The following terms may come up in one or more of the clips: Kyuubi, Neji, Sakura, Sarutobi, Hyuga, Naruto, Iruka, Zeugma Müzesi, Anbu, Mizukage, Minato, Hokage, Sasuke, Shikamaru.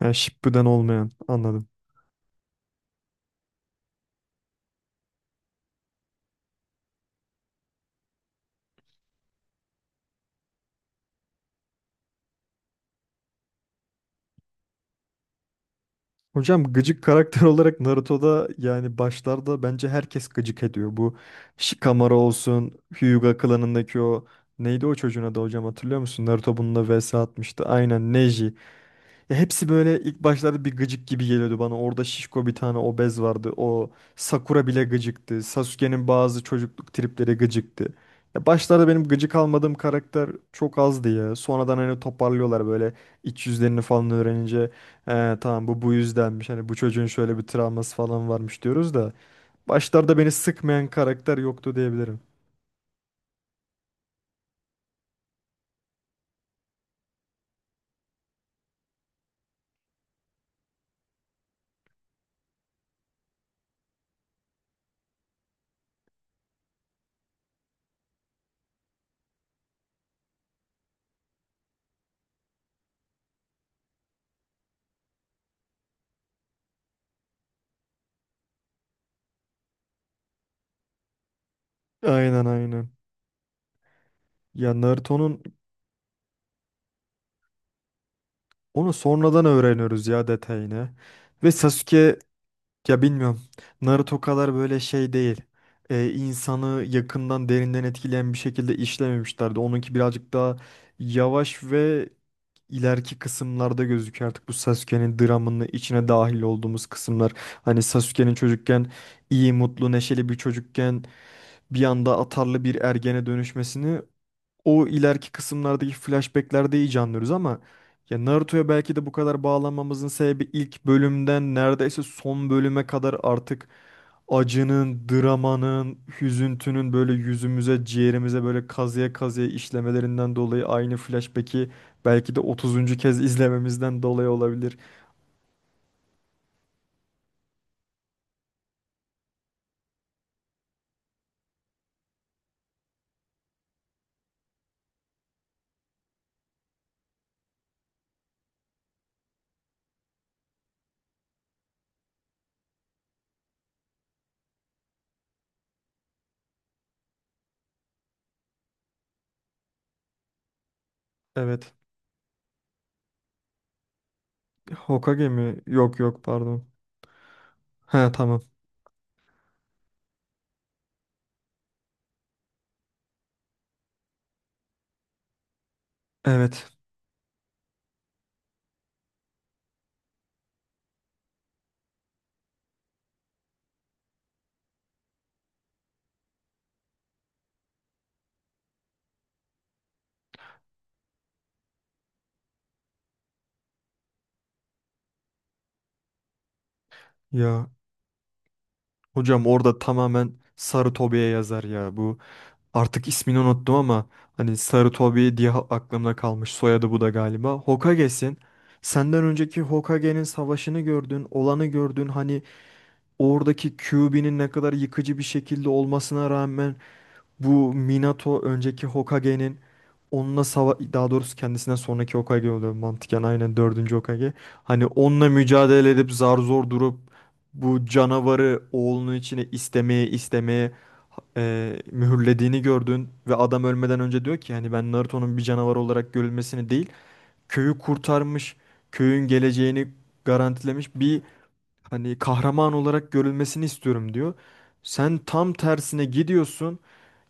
Yani Shippuden olmayan anladım. Hocam gıcık karakter olarak Naruto'da yani başlarda bence herkes gıcık ediyor. Bu Shikamaru olsun, Hyuga klanındaki o neydi o çocuğun adı hocam hatırlıyor musun? Naruto bununla vs atmıştı. Aynen Neji. Ya hepsi böyle ilk başlarda bir gıcık gibi geliyordu bana. Orada şişko bir tane obez vardı. O Sakura bile gıcıktı. Sasuke'nin bazı çocukluk tripleri gıcıktı. Ya başlarda benim gıcık almadığım karakter çok azdı ya. Sonradan hani toparlıyorlar böyle iç yüzlerini falan öğrenince. "He, tamam bu yüzdenmiş. Hani bu çocuğun şöyle bir travması falan varmış diyoruz da. Başlarda beni sıkmayan karakter yoktu diyebilirim. Aynen aynen. Ya Naruto'nun onu sonradan öğreniyoruz ya detayını. Ve Sasuke ya bilmiyorum. Naruto kadar böyle şey değil. İnsanı yakından derinden etkileyen bir şekilde işlememişlerdi. Onunki birazcık daha yavaş ve ileriki kısımlarda gözüküyor artık bu Sasuke'nin dramının içine dahil olduğumuz kısımlar. Hani Sasuke'nin çocukken iyi, mutlu, neşeli bir çocukken bir anda atarlı bir ergene dönüşmesini o ileriki kısımlardaki flashbacklerde iyice anlıyoruz ama ya Naruto'ya belki de bu kadar bağlanmamızın sebebi ilk bölümden neredeyse son bölüme kadar artık acının, dramanın, hüzüntünün böyle yüzümüze, ciğerimize böyle kazıya kazıya işlemelerinden dolayı aynı flashback'i belki de 30'uncu kez izlememizden dolayı olabilir. Evet. Hokage mi? Yok yok, pardon. He, tamam. Evet. Ya hocam orada tamamen Sarı Tobi'ye yazar ya bu. Artık ismini unuttum ama hani Sarutobi diye aklımda kalmış. Soyadı bu da galiba. Hokage'sin. Senden önceki Hokage'nin savaşını gördün, olanı gördün. Hani oradaki Kyuubi'nin ne kadar yıkıcı bir şekilde olmasına rağmen bu Minato önceki Hokage'nin onunla daha doğrusu kendisinden sonraki Hokage oluyor mantıken aynen dördüncü Hokage. Hani onunla mücadele edip zar zor durup bu canavarı oğlunun içine istemeye istemeye mühürlediğini gördün ve adam ölmeden önce diyor ki hani ben Naruto'nun bir canavar olarak görülmesini değil köyü kurtarmış, köyün geleceğini garantilemiş bir hani kahraman olarak görülmesini istiyorum diyor. Sen tam tersine gidiyorsun,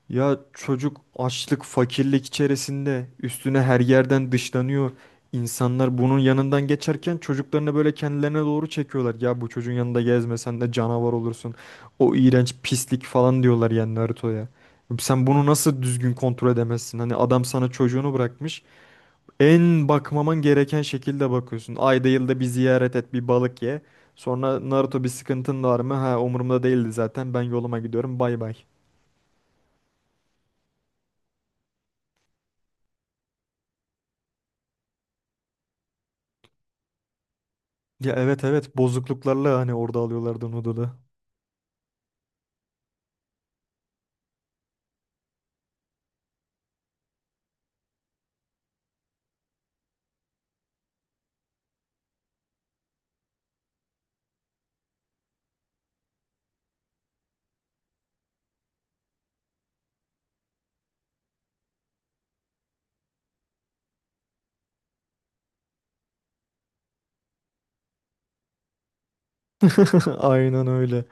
ya çocuk açlık, fakirlik içerisinde üstüne her yerden dışlanıyor. İnsanlar bunun yanından geçerken çocuklarını böyle kendilerine doğru çekiyorlar. Ya bu çocuğun yanında gezmesen de canavar olursun. O iğrenç pislik falan diyorlar yani Naruto'ya. Sen bunu nasıl düzgün kontrol edemezsin? Hani adam sana çocuğunu bırakmış. En bakmaman gereken şekilde bakıyorsun. Ayda yılda bir ziyaret et, bir balık ye. Sonra Naruto, bir sıkıntın var mı? Ha, umurumda değildi zaten. Ben yoluma gidiyorum. Bay bay. Ya evet evet, bozukluklarla hani orada alıyorlardı Noodle'ı. Aynen öyle.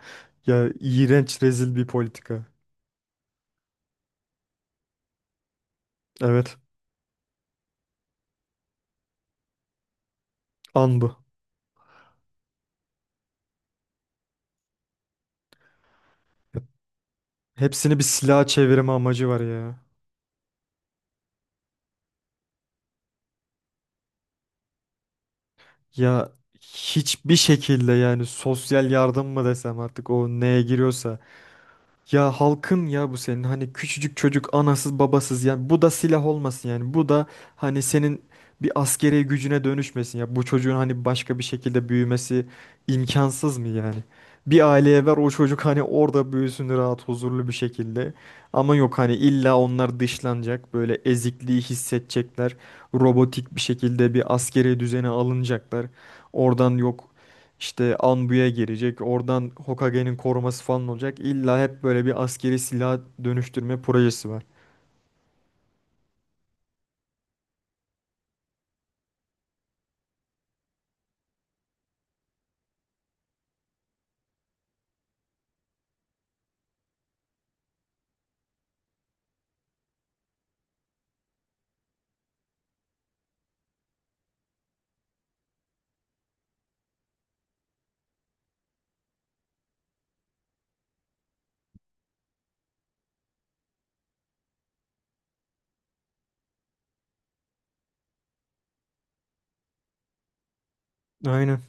Ya iğrenç, rezil bir politika. Evet, an bu. Hepsini bir silah çevirme amacı var ya. Ya hiçbir şekilde yani sosyal yardım mı desem artık o neye giriyorsa. Ya halkın ya bu senin hani küçücük çocuk anasız babasız yani bu da silah olmasın, yani bu da hani senin bir askeri gücüne dönüşmesin, ya bu çocuğun hani başka bir şekilde büyümesi imkansız mı yani? Bir aileye ver o çocuk hani orada büyüsün rahat huzurlu bir şekilde, ama yok hani illa onlar dışlanacak böyle, ezikliği hissedecekler, robotik bir şekilde bir askeri düzene alınacaklar, oradan yok işte Anbu'ya girecek. Oradan Hokage'nin koruması falan olacak. İlla hep böyle bir askeri silah dönüştürme projesi var. Aynen.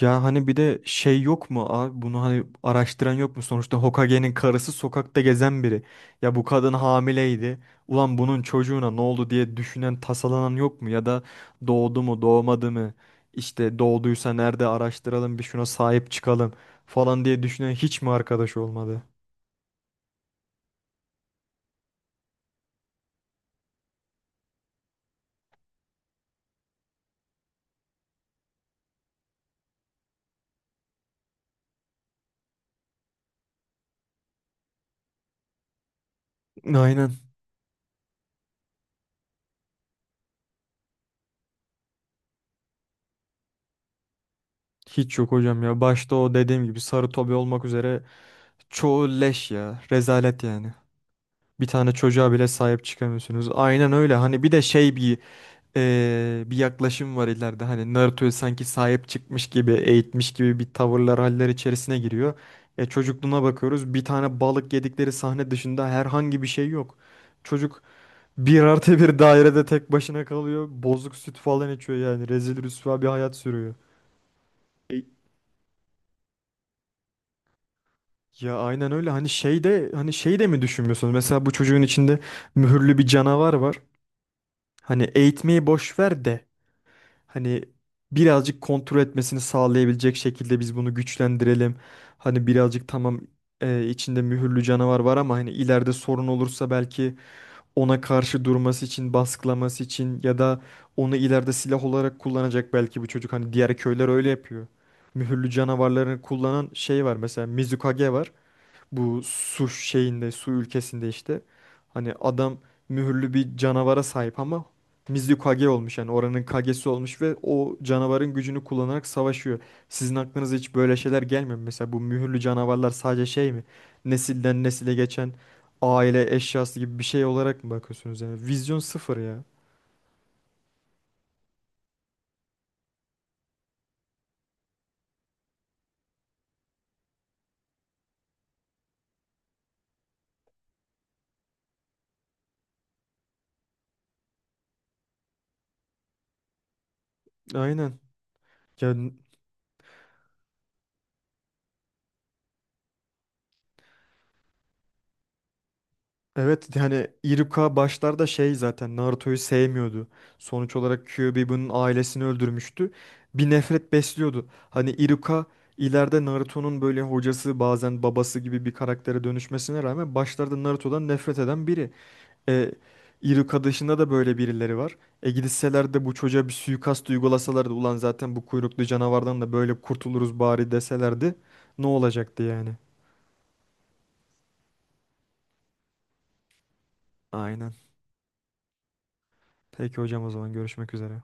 Ya hani bir de şey yok mu abi, bunu hani araştıran yok mu, sonuçta Hokage'nin karısı sokakta gezen biri. Ya bu kadın hamileydi. Ulan bunun çocuğuna ne oldu diye düşünen, tasalanan yok mu, ya da doğdu mu doğmadı mı? İşte doğduysa nerede, araştıralım bir, şuna sahip çıkalım falan diye düşünen hiç mi arkadaş olmadı? Aynen. Hiç yok hocam ya. Başta o dediğim gibi sarı tobi olmak üzere çoğu leş ya. Rezalet yani. Bir tane çocuğa bile sahip çıkamıyorsunuz. Aynen öyle. Hani bir de şey bir bir yaklaşım var ileride. Hani Naruto'yu sanki sahip çıkmış gibi, eğitmiş gibi bir tavırlar, haller içerisine giriyor. E, çocukluğuna bakıyoruz. Bir tane balık yedikleri sahne dışında herhangi bir şey yok. Çocuk bir artı bir dairede tek başına kalıyor. Bozuk süt falan içiyor yani. Rezil rüsva bir hayat sürüyor. Ya aynen öyle, hani şeyde hani şey de mi düşünmüyorsunuz? Mesela bu çocuğun içinde mühürlü bir canavar var. Hani eğitmeyi boş ver de hani birazcık kontrol etmesini sağlayabilecek şekilde biz bunu güçlendirelim. Hani birazcık tamam içinde mühürlü canavar var ama hani ileride sorun olursa belki ona karşı durması için, baskılaması için, ya da onu ileride silah olarak kullanacak belki bu çocuk. Hani diğer köyler öyle yapıyor. Mühürlü canavarlarını kullanan şey var, mesela Mizukage var. Bu su şeyinde, su ülkesinde işte. Hani adam mühürlü bir canavara sahip ama Mizu Kage olmuş yani oranın Kage'si olmuş ve o canavarın gücünü kullanarak savaşıyor. Sizin aklınıza hiç böyle şeyler gelmiyor mu? Mesela bu mühürlü canavarlar sadece şey mi? Nesilden nesile geçen aile eşyası gibi bir şey olarak mı bakıyorsunuz yani? Vizyon sıfır ya. Aynen. Ya evet yani Iruka başlarda şey, zaten Naruto'yu sevmiyordu. Sonuç olarak Kyuubi'nin ailesini öldürmüştü. Bir nefret besliyordu. Hani Iruka ileride Naruto'nun böyle hocası, bazen babası gibi bir karaktere dönüşmesine rağmen başlarda Naruto'dan nefret eden biri. E, Iruka dışında da böyle birileri var. E gitseler de bu çocuğa bir suikast uygulasalardı, ulan zaten bu kuyruklu canavardan da böyle kurtuluruz bari deselerdi ne olacaktı yani? Aynen. Peki hocam, o zaman görüşmek üzere.